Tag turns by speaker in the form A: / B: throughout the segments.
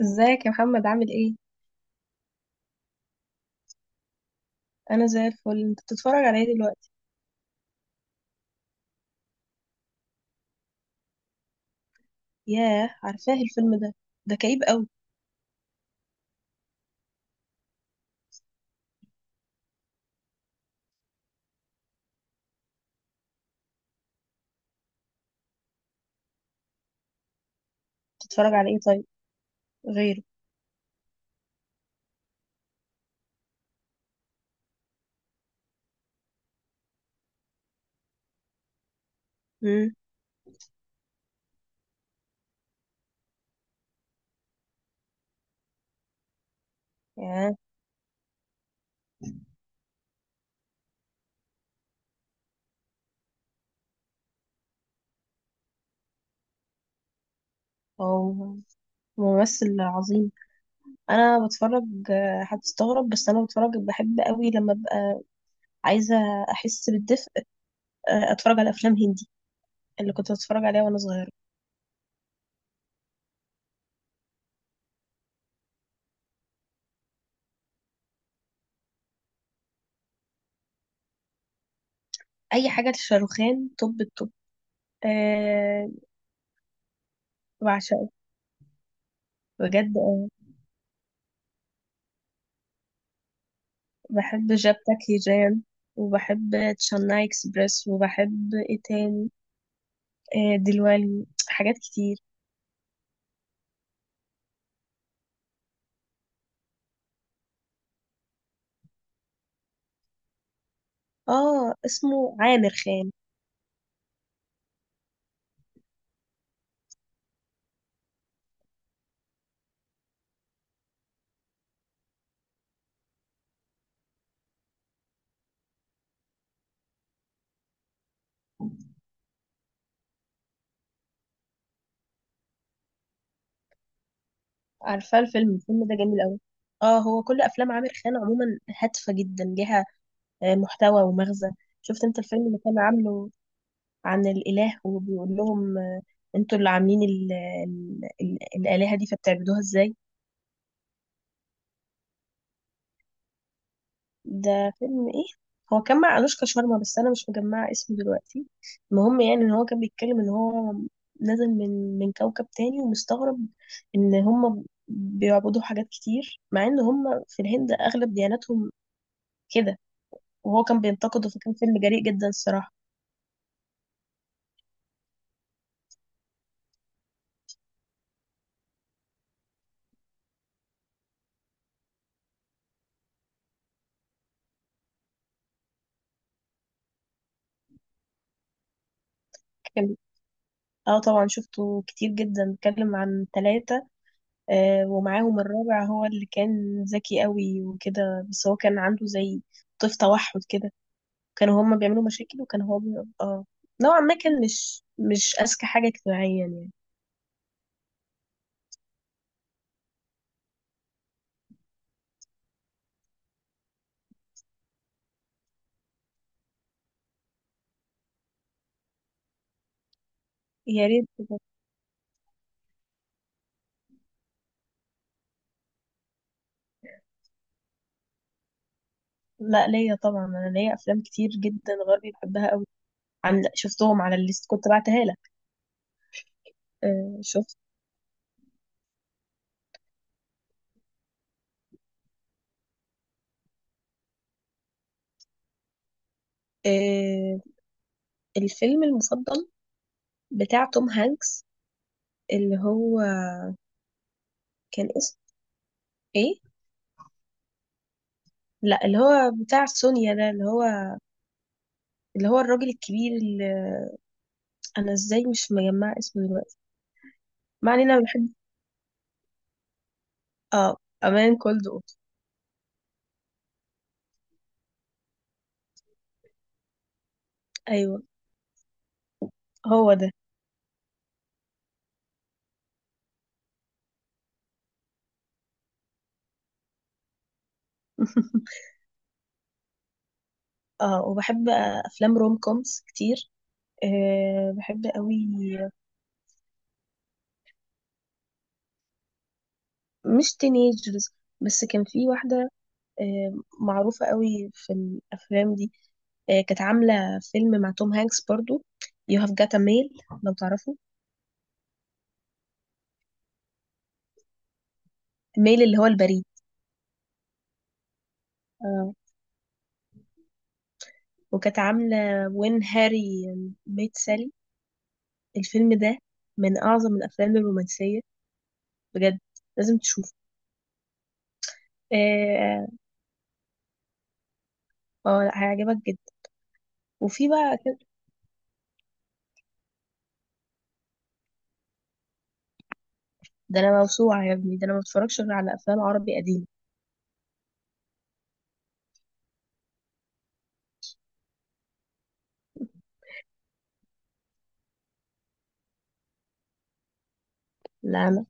A: ازيك يا محمد؟ عامل ايه؟ انا زي الفل. انت بتتفرج على ايه دلوقتي؟ ياه، عارفاه الفيلم ده. ده كئيب قوي. بتتفرج على ايه طيب؟ غيره. امم. ياه، هو ممثل عظيم. انا بتفرج. هتستغرب بس انا بتفرج بحب قوي لما ابقى عايزه احس بالدفء. اتفرج على افلام هندي اللي كنت بتفرج عليها وانا صغيره. اي حاجه لشاروخان، توب التوب. أه. بعشقه بجد. بحب جابتك هيجان، وبحب تشاناي اكسبريس، وبحب ايه تاني، دلوالي حاجات كتير. اه، اسمه عامر خان. عارفه، الفيلم ده جميل قوي. اه، هو كل افلام عامر خان عموما هادفه جدا، ليها محتوى ومغزى. شفت انت الفيلم اللي كان عامله عن الاله وبيقول لهم انتوا اللي عاملين الالهه دي، فبتعبدوها ازاي؟ ده فيلم ايه؟ هو كان مع أنوشكا شارما، بس انا مش مجمعه اسمه دلوقتي. المهم يعني ان هو كان بيتكلم ان هو نازل من كوكب تاني، ومستغرب ان هم بيعبدوا حاجات كتير مع ان هم في الهند اغلب دياناتهم كده. وهو كان بينتقده، فكان فيلم جريء جدا الصراحه. كان اه، طبعا شفته كتير جدا. اتكلم عن ثلاثة ومعاهم الرابع، هو اللي كان ذكي قوي وكده، بس هو كان عنده زي طيف توحد كده. كانوا هما بيعملوا مشاكل، وكان هو. اه، نوعا ما كان مش أذكى حاجة اجتماعيا يعني. يا ريت. لا، ليا طبعا. انا ليا افلام كتير جدا غربي بحبها قوي. عن شفتهم على الليست كنت بعتها لك. آه، شفت. آه، الفيلم المفضل بتاع توم هانكس، اللي هو كان اسمه ايه؟ لا، اللي هو بتاع سونيا ده، اللي هو الراجل الكبير اللي انا ازاي مش مجمع اسمه دلوقتي. ما علينا. بحب. اه، امان كولد، اوبس. ايوه، هو ده. اه، وبحب افلام روم كومز كتير. أه، بحب قوي. مش تينيجرز، بس كان في واحده أه معروفه قوي في الافلام دي. أه، كانت عامله فيلم مع توم هانكس برضو، يو هاف جات ميل. لو تعرفه. ميل اللي هو البريد. اه، وكانت عامله وين هاري ميت سالي. الفيلم ده من اعظم الافلام الرومانسيه بجد. لازم تشوفه. اه، هيعجبك جدا. وفي بقى. ده انا موسوعه يا ابني، ده انا ما بتفرجش غير على افلام عربي قديمه. لا، انا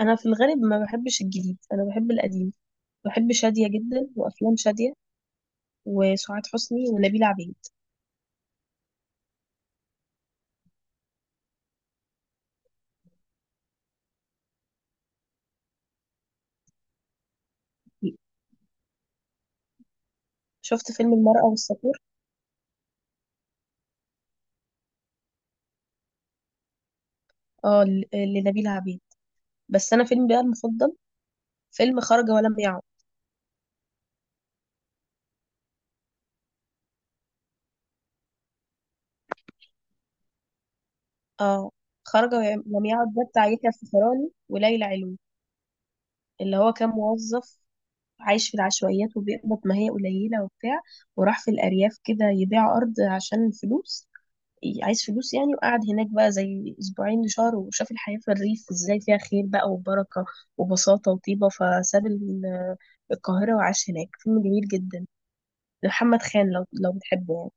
A: انا في الغالب ما بحبش الجديد. انا بحب القديم. بحب شاديه جدا، وافلام شاديه وسعاد حسني ونبيلة عبيد. شفت فيلم المرأة والصقور؟ اه، لنبيلة عبيد. بس انا فيلم بقى المفضل فيلم خرج ولم يعد. اه، خرج ولم يعد ده بتاع يحيى الفخراني وليلى علوي. اللي هو كان موظف عايش في العشوائيات، وبيقبض ما هي قليلة وبتاع، وراح في الأرياف كده يبيع أرض عشان الفلوس. عايز فلوس يعني، وقعد هناك بقى زي اسبوعين لشهر، وشاف الحياة في الريف ازاي فيها خير بقى، وبركة وبساطة وطيبة، فساب القاهرة وعاش هناك. فيلم جميل جدا. محمد خان، لو بتحبه يعني.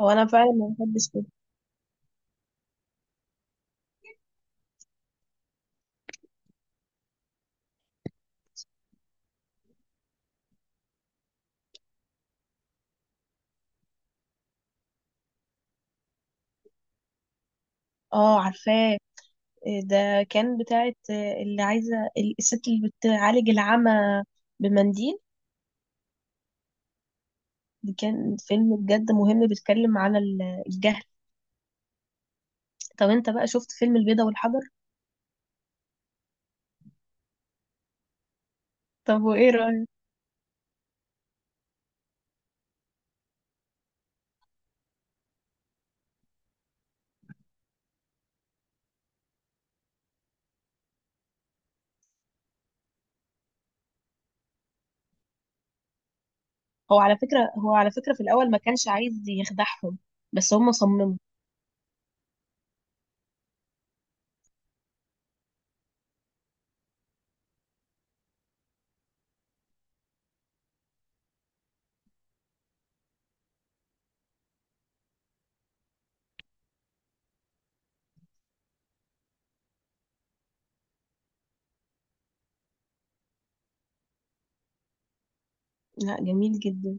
A: هو انا فعلا ما بحبش كده. اه، عارفاه. إيه ده؟ كان بتاعت اللي عايزة الست اللي بتعالج العمى بمنديل. دي كان فيلم بجد مهم، بيتكلم على الجهل. طب انت بقى شفت فيلم البيضة والحجر؟ طب وايه رأيك؟ هو على فكرة في الأول ما كانش عايز يخدعهم، بس هم صمموا. لا، جميل جدا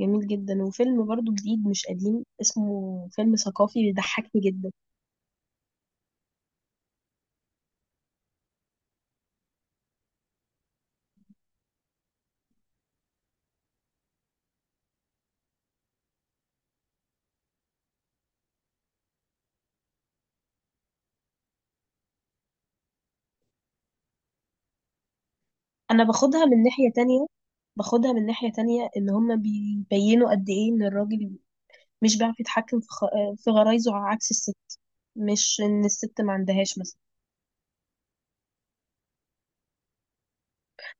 A: جميل جدا. وفيلم برضو جديد مش قديم اسمه فيلم ثقافي، بيضحكني جدا. أنا باخدها من ناحية تانية باخدها من ناحية تانية، إن هم بيبينوا قد إيه إن الراجل مش بيعرف يتحكم في غرايزه، على عكس الست. مش إن الست ما عندهاش مثلا.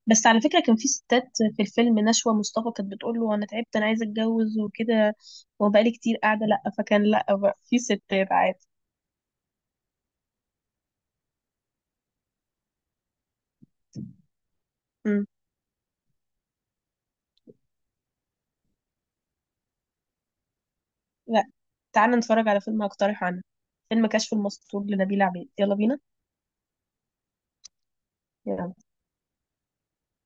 A: بس على فكرة كان في ستات. في الفيلم نشوى مصطفى كانت بتقول له انا تعبت، انا عايزة اتجوز وكده، وبقالي كتير قاعدة. لا فكان، لا بقى في ستات عادي. امم. لا، تعالى نتفرج على فيلم هقترحه انا. فيلم كشف المستور لنبيلة عبيد. يلا بينا.